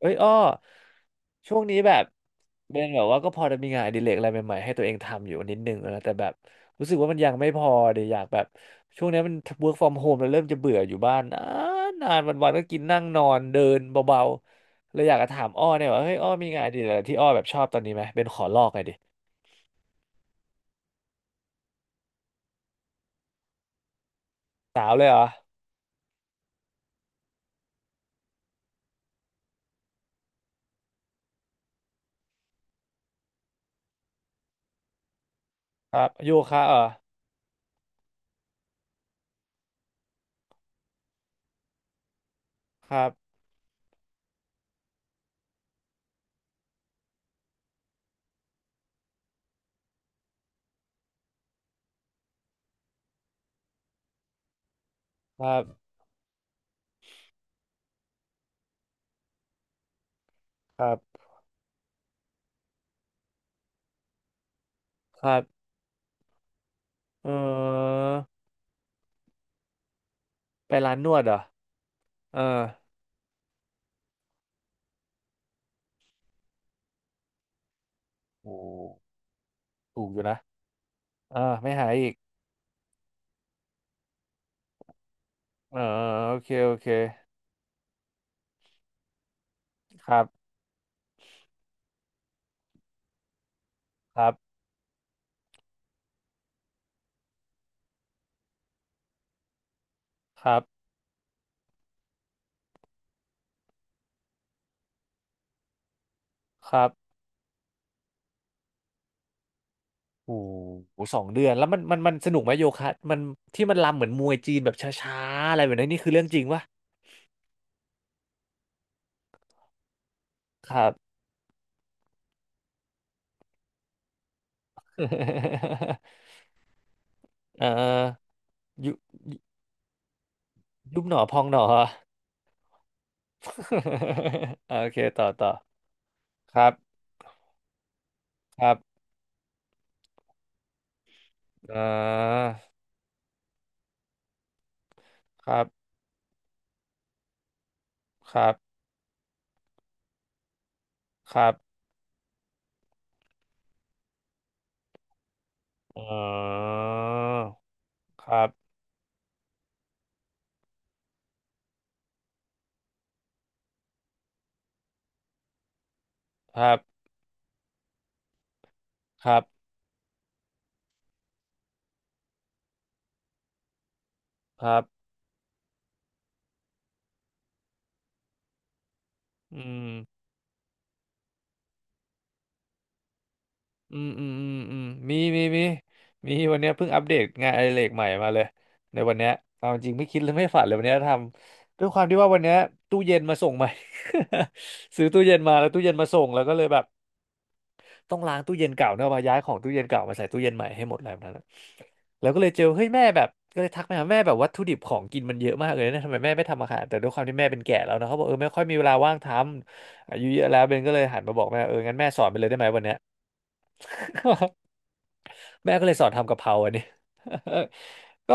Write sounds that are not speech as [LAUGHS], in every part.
เอ้ยอ้อช่วงนี้แบบเป็นแบบว่าก็พอจะมีงานอดิเรกอะไรใหม่ๆให้ตัวเองทำอยู่นิดนึงนะแต่แบบรู้สึกว่ามันยังไม่พอเดี๋ยวอยากแบบช่วงนี้มัน work from home แล้วเริ่มจะเบื่ออยู่บ้านนานนานวันๆก็กินนั่งนอนเดินเบาๆเลยอยากจะถามอ้อเนี่ยว่าเฮ้ยอ้อมีงานอดิเรกอะไรที่อ้อแบบชอบตอนนี้ไหมเป็นขอลอกไงดิสาวเลยเหรอครับโยคะเหรอครับครับครับครับเออไปร้านนวดเหรอเออโอ้ถูกอยู่นะอ่าไม่หายอีก เออโอเคโอเคครับครับครับครับโอ้โห2 เดือนแล้วมันสนุกไหมโยคะมันที่มันรำเหมือนมวยจีนแบบช้าๆอะไรแบบนั้นนี่คือเรื่องจริงปะครับ [LAUGHS] เออยุยุบหนอพองหนอ [LAUGHS] โอเคต่อต่อครับครับอ่าครับครับครับเออครับครับครับครับอืม อืมอืมอืมอืมมีมีมีมีวันเนี้ยเพิ่งอัปเดตงานอดิเรกใหม่มาเลยในวันเนี้ยเอาจริงไม่คิดเลยไม่ฝันเลยวันเนี้ยทำด้วยความที่ว่าวันเนี้ยตู้เย็นมาส่งใหม่ [LAUGHS] ซื้อตู้เย็นมาแล้วตู้เย็นมาส่งแล้วก็เลยแบบต้องล้างตู้เย็นเก่าเนอะมาย้ายของตู้เย็นเก่ามาใส่ตู้เย็นใหม่ให้หมดอะไรแบบนั้นอะแล้วก็เลยเจอเฮ้ยแม่แบบก็เลยทักไปหาแม่แบบวัตถุดิบของกินมันเยอะมากเลยนะทำไมแม่ไม่ทำอาหารแต่ด้วยความที่แม่เป็นแก่แล้วนะเขาบอกเออไม่ค่อยมีเวลาว่างทำอายุเยอะแล้วเบนก็เลยหันมาบอกแม่เอองั้นแม่สอนไปเลยได้ไหมวันเนี้ย แม่ก็เลยสอนทำกะเพราอันนี้ [LAUGHS] ก็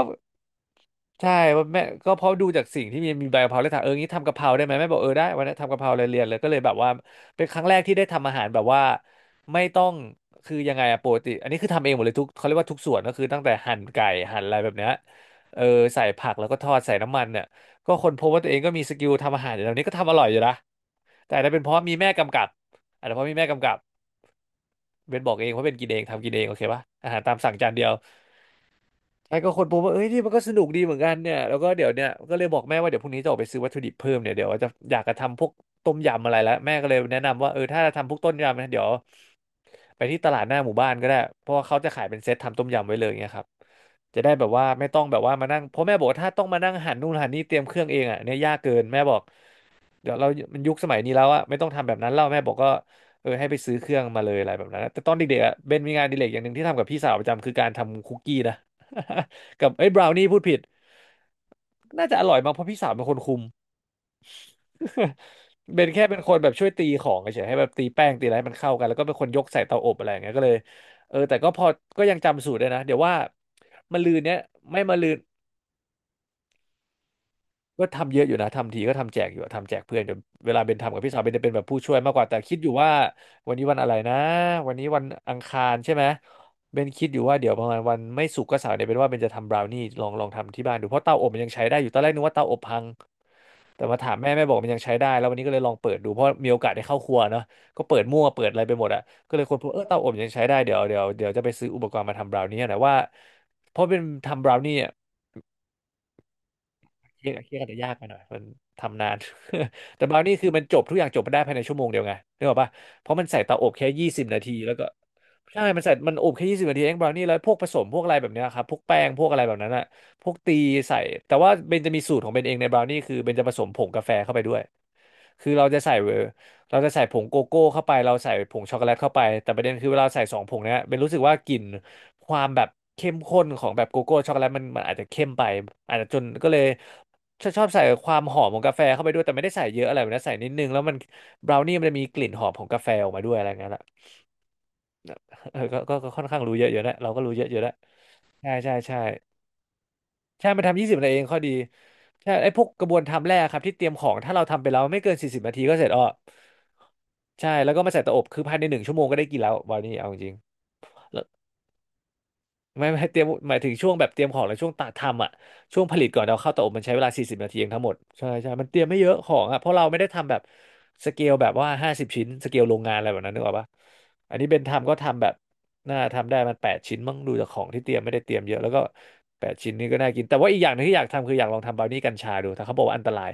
ใช่เพราะแม่ก็เพราะดูจากสิ่งที่มีใบกะเพราเลยถามเอองี้ทำกะเพราได้ไหมแม่บอกเออได้วันนี้นทำกะเพราเลยเรียนเลยก็เลยแบบว่าเป็นครั้งแรกที่ได้ทำอาหารแบบว่าไม่ต้องคือยังไงอะปกติอันนี้คือทำเองหมดเลยทุกเขาเรียกว่าทุกส่วนก็คือตั้งแต่หั่นไก่หั่นอะไรแบบเนี้ยเออใส่ผักแล้วก็ทอดใส่น้ำมันเนี่ยก็คนพบว่าตัวเองก็มีสกิลทำอาหารอยู่แล้วนี้ก็ทำอร่อยอยู่นะแต่อาจจะเป็นเพราะมีแม่กำกับอาจจะเพราะมีแม่กำกับเบนบอกเองเพราะเบนกินเองทำกินเองโอเคปะอาหารตามสั่งจานเดียว ใช่ก็คนพบว่าเอ้ยนี่มันก็สนุกดีเหมือนกันเนี่ยแล้วก็เดี๋ยวเนี่ยก็เลยบอกแม่ว่าเดี๋ยวพรุ่งนี้จะออกไปซื้อวัตถุดิบเพิ่มเนี่ยเดี๋ยวจะอยากจะทำพวกต้มยำอะไรแล้วแม่ก็เลยแนะนำว่าเออถ้าจะทำพวกต้มยำนะเดี๋ยวไปที่ตลาดหน้าหมู่บ้านก็ได้เพราะว่าเขาจะขายเป็นเซตทำต้มยำไว้เลยเงี้ยครับจะได้แบบว่าไม่ต้องแบบว่ามานั่งเพราะแม่บอกว่าถ้าต้องมานั่งหั่นนู่นหั่นนี่เตรียมเครื่องเองอ่ะเนี่ยยากเกินแม่บอก เดี๋ยวเรามันยุคสมัยนี้แล้วอะไม่ต้องทำแบบนั้นแล้วแม่บอกก็เออให้ไปซื้อเครื่องมาเลยอะไรแบบนั้นนะแต่ตอนเด็กๆอะเบนมีงานอดิเรกอย่างหนึ่งที่ทำกับพี่สาวประจำคือการทำคุกกี้นะ [LAUGHS] กับเอ้ยบราวนี่พูดผิด น่าจะอร่อยมากเพราะพี่สาวเป็นคนคุม [LAUGHS] เบนแค่เป็นคนแบบช่วยตีของเฉยๆให้แบบตีแป้งตีอะไรให้มันเข้ากันแล้วก็เป็นคนยกใส่เตาอบอะไรอย่างเงี้ยก็เลยเออแต่ก็พอก็ยังจำสูตรได้นะเดี๋ยวว่ามะรืนเนี้ยไม่มะรืน ก็ทำเยอะอยู่นะทำทีก็ทำแจกอยู่อะทำแจกเพื่อนจนเวลาเบนทำกับพี่สาวเบนจะเป็นแบบผู้ช่วยมากกว่าแต่คิดอยู่ว่าวันนี้วันอะไรนะวันนี้วันอังคารใช่ไหมเบนคิดอยู่ว่าเดี๋ยวประมาณวันไม่ศุกร์ก็เสาร์เนี่ยเบนว่าเบนจะทำบราวนี่ลองทำที่บ้านดูเพราะเตาอบมันยังใช้ได้อยู่ตอนแรกนึกว่าเตาอบพังแต่มาถามแม่แม่บอกมันยังใช้ได้แล้ววันนี้ก็เลยลองเปิดดูเพราะมีโอกาสได้เข้าครัวเนาะก็เปิดมั่วเปิดอะไรไปหมดอะก็เลยคนพบเออเตาอบยังใช้ได้เดี๋ยวจะไปซื้ออุปกรณ์มาทำบราวนี่นะว่าเพราะเป็นทำบราวนี่อะ เคียดเคียกันจจะยากไปหน่อยมันทำนาน [LAUGHS] แต่บราวนี่คือมันจบทุกอย่างจบมาได้ภายในชั่วโมงเดียวไงนึกออกปะเพราะมันใส่เตาอบแค่ยี่สิบนาทีแล้วก็ใช่มันใส่มันอบแค่ยี่สิบนาทีเองบราวนี่แล้วพวกผสมพวกอะไรแบบเนี้ยครับพวกแป้งพวกอะไรแบบนั้นอะพวกตีใส่แต่ว่าเบนจะมีสูตรของเบนเองในบราวนี่คือเบนจะผสมผงกาแฟเข้าไปด้วยคือเราจะใส่เวอร์เราจะใส่ผงโกโก้เข้าไปเราใส่ผงช็อกโกแลตเข้าไปแต่ประเด็นคือเวลาใส่สองผงเนี้ยเบนรู้สึกว่ากลิ่นความแบบเข้มข้นของแบบโกโก้ช็อกโกแลตมันอาจจะเข้มไปอาจจะจนก็เลย ชอบใส่ความหอมของกาแฟเข้าไปด้วยแต่ไม่ได้ใส่เยอะอะไรแบบนะใส่นิดนึงแล้วมันบราวนี่มันจะมีกลิ่นหอมของกาแฟออกมาด้วยอะไรเงี้ยละเออก็ค่อนข้างรู้เยอะอยู่นะเราก็รู้เยอะอยู่แล้วใช่ใช่ใช่ใช่มันทำยี่สิบนาทีเองข้อดีใช่ไอ้พวกกระบวนทำแรกครับที่เตรียมของถ้าเราทำไปแล้วไม่เกินสี่สิบนาทีก็เสร็จอ้อใช่แล้วก็มาใส่เตาอบคือภายใน1 ชั่วโมงก็ได้กินแล้วบราวนี่เอาจริง ไม่ไม่เตรียมหมายถึงช่วงแบบเตรียมของและช่วงตัดทำอ่ะช่วงผลิตก่อนเราเข้าเตาอบมันใช้เวลาสี่สิบนาทีเองทั้งหมดใช่ใช่มันเตรียมไม่เยอะของอ่ะเพราะเราไม่ได้ทำแบบสเกลแบบว่า50 ชิ้นสเกลโรงงานอะไรแบบนั้นนึกออกปะอันนี้เบนทำก็ทำแบบน่าทำได้มันแปดชิ้นมั้งดูจากของที่เตรียมไม่ได้เตรียมเยอะแล้วก็แปดชิ้นนี้ก็น่ากินแต่ว่าอีกอย่างหนึงที่อยากทำคืออยากลองทำบราวนี่กัญชาดูแต่เขาบอกว่าอันตราย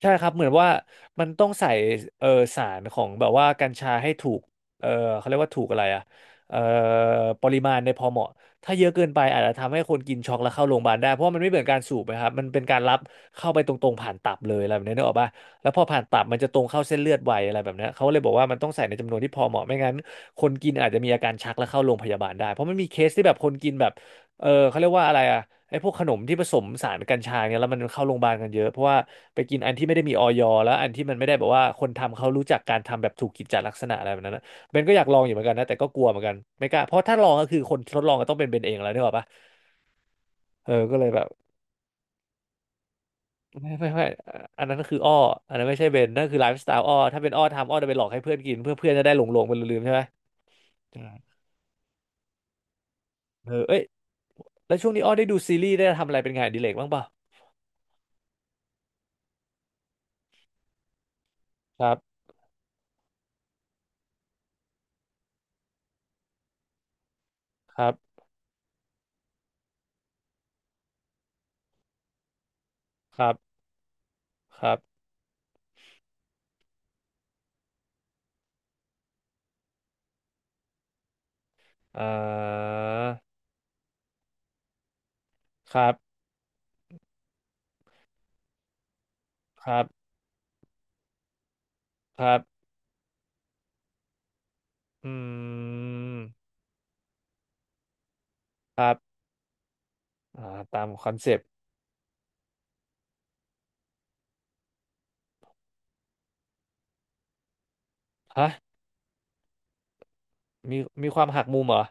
ใช่ครับเหมือนว่ามันต้องใส่เออสารของแบบว่ากัญชาให้ถูกเออเขาเรียกว่าถูกอะไรอะเออปริมาณในพอเหมาะถ้าเยอะเกินไปอาจจะทำให้คนกินช็อกแล้วเข้าโรงพยาบาลได้เพราะว่ามันไม่เหมือนการสูบนะครับมันเป็นการรับเข้าไปตรงๆผ่านตับเลยอะไรแบบนี้นึกออกป่ะแล้วพอผ่านตับมันจะตรงเข้าเส้นเลือดไวอะไรแบบเนี้ยเขาเลยบอกว่ามันต้องใส่ในจำนวนที่พอเหมาะไม่งั้นคนกินอาจจะมีอาการชักและเข้าโรงพยาบาลได้เพราะมันมีเคสที่แบบคนกินแบบเออเขาเรียกว่าอะไรอะ ไอ้พวกขนมที่ผสมสารกัญชาเนี่ยแล้วมันเข้าโรงพยาบาลกันเยอะเพราะว่าไปกินอันที่ไม่ได้มีออยแล้วอันที่มันไม่ได้แบบว่าคนทำเขารู้จักการทำแบบถูกกิจจลักษณะอะไรแบบนั้นนะเบนก็อยากลองอยู่เหมือนกันนะแต่ก็กลัวเหมือนกันไม่กล้าเพราะถ้าลองก็คือคนทดลองก็ต้องเป็นเบนเองแล้วนี่หรอกปะเออก็เลยแบบไม่ไม่ไม่อันนั้นก็คืออ้ออันนั้นไม่ใช่เบนนั่นคือไลฟ์สไตล์อ้อถ้าเป็นอ้อทำอ้อจะไปหลอกให้เพื่อนกินเพื่อเพื่อนจะได้หลงหลงไปลืมๆใช่ไหมใช่เออเอ้ยแล้วช่วงนี้อ้อได้ดูซีรีส์ได้ทำอะไรเป็นงานอดิเรกบ้างเปล่าครับครับครับครับอ่าครับ ครับครับอืมครับอ่าตามคอนเซปต์ฮะมีมีความหักมุมเหรอ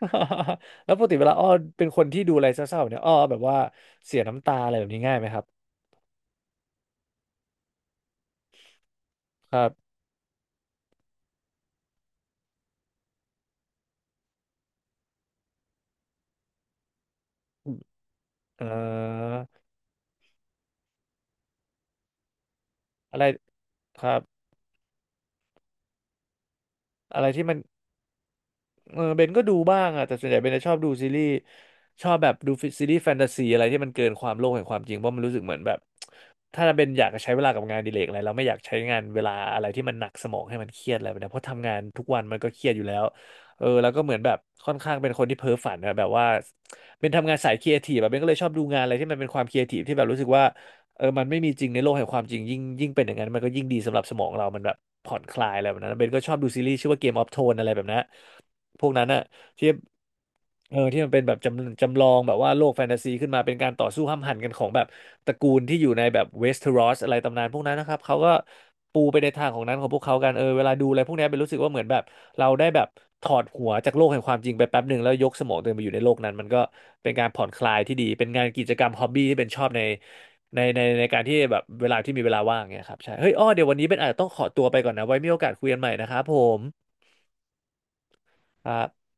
[LAUGHS] แล้วปกติเวลาอ้อเป็นคนที่ดูอะไรเศร้าๆแบบเนี้ยอ้อแบบว่าเสียน้ำตาอะไรแบบนี้ง่ายไหมครับครับเอ่ออะไรครับอะไรที่มัน เออเบนก็ดูบ้างอะแต่ส่วนใหญ่เบนจะชอบดูซีรีส์ชอบแบบดูซีรีส์แฟนตาซีอะไรที่มันเกินความโลกแห่งความจริงเพราะมันรู้สึกเหมือนแบบถ้าเบนอยากจะใช้เวลากับงานอดิเลกอะไรเราไม่อยากใช้งานเวลาอะไรที่มันหนักสมองให้มันเครียดอะไรแบบนี้เพราะทำงานทุกวันมันก็เครียดอยู่แล้วเออแล้วก็เหมือนแบบค่อนข้างเป็นคนที่เพ้อฝันนะแบบว่าเป็นทำงานสายครีเอทีฟแบบเบนก็เลยชอบดูงานอะไรที่มันเป็นความครีเอทีฟที่แบบรู้สึกว่า เออมันไม่มีจริงในโลกแห่งความจริงยิ่งยิ่งเป็นอย่างนั้นมันก็ยิ่งดีสำหรับสมองเรามันแบบผ่อนคลายอะไรแบบนั้นเบนก็ชอบดูซีรีส์ชื่อว่าเกมออฟโทนอะไรแบบนั้นพวกนั้นอะที่เออที่มันเป็นแบบจำลองแบบว่าโลกแฟนตาซีขึ้นมาเป็นการต่อสู้ห้ำหั่นกันของแบบตระกูลที่อยู่ในแบบเวสเทอรอสอะไรตำนานพวกนั้นนะครับเขาก็ปูไปในทางของนั้นของพวกเขากันเออเวลาดูอะไรพวกเนี้ยเป็นรู้สึกว่าเหมือนแบบเราได้แบบถอดหัวจากโลกแห่งความจริงไปแป๊บหนึ่งแล้วยกสมองตัวเองไปอยู่ในโลกนั้นมันก็เป็นการผ่อนคลายที่ดีเป็นงานกิจกรรมฮอบบี้ที่เป็นชอบใน ในการที่แบบเวลาที่มีเวลาว่างเนี่ยครับใช่เฮ้ยอ้อเดี๋ยววันนี้เป็นอาจจะต้องขอตัวไปก่อนนะไว้มีโอกาสคุยกันใหม่นะครับผมครับ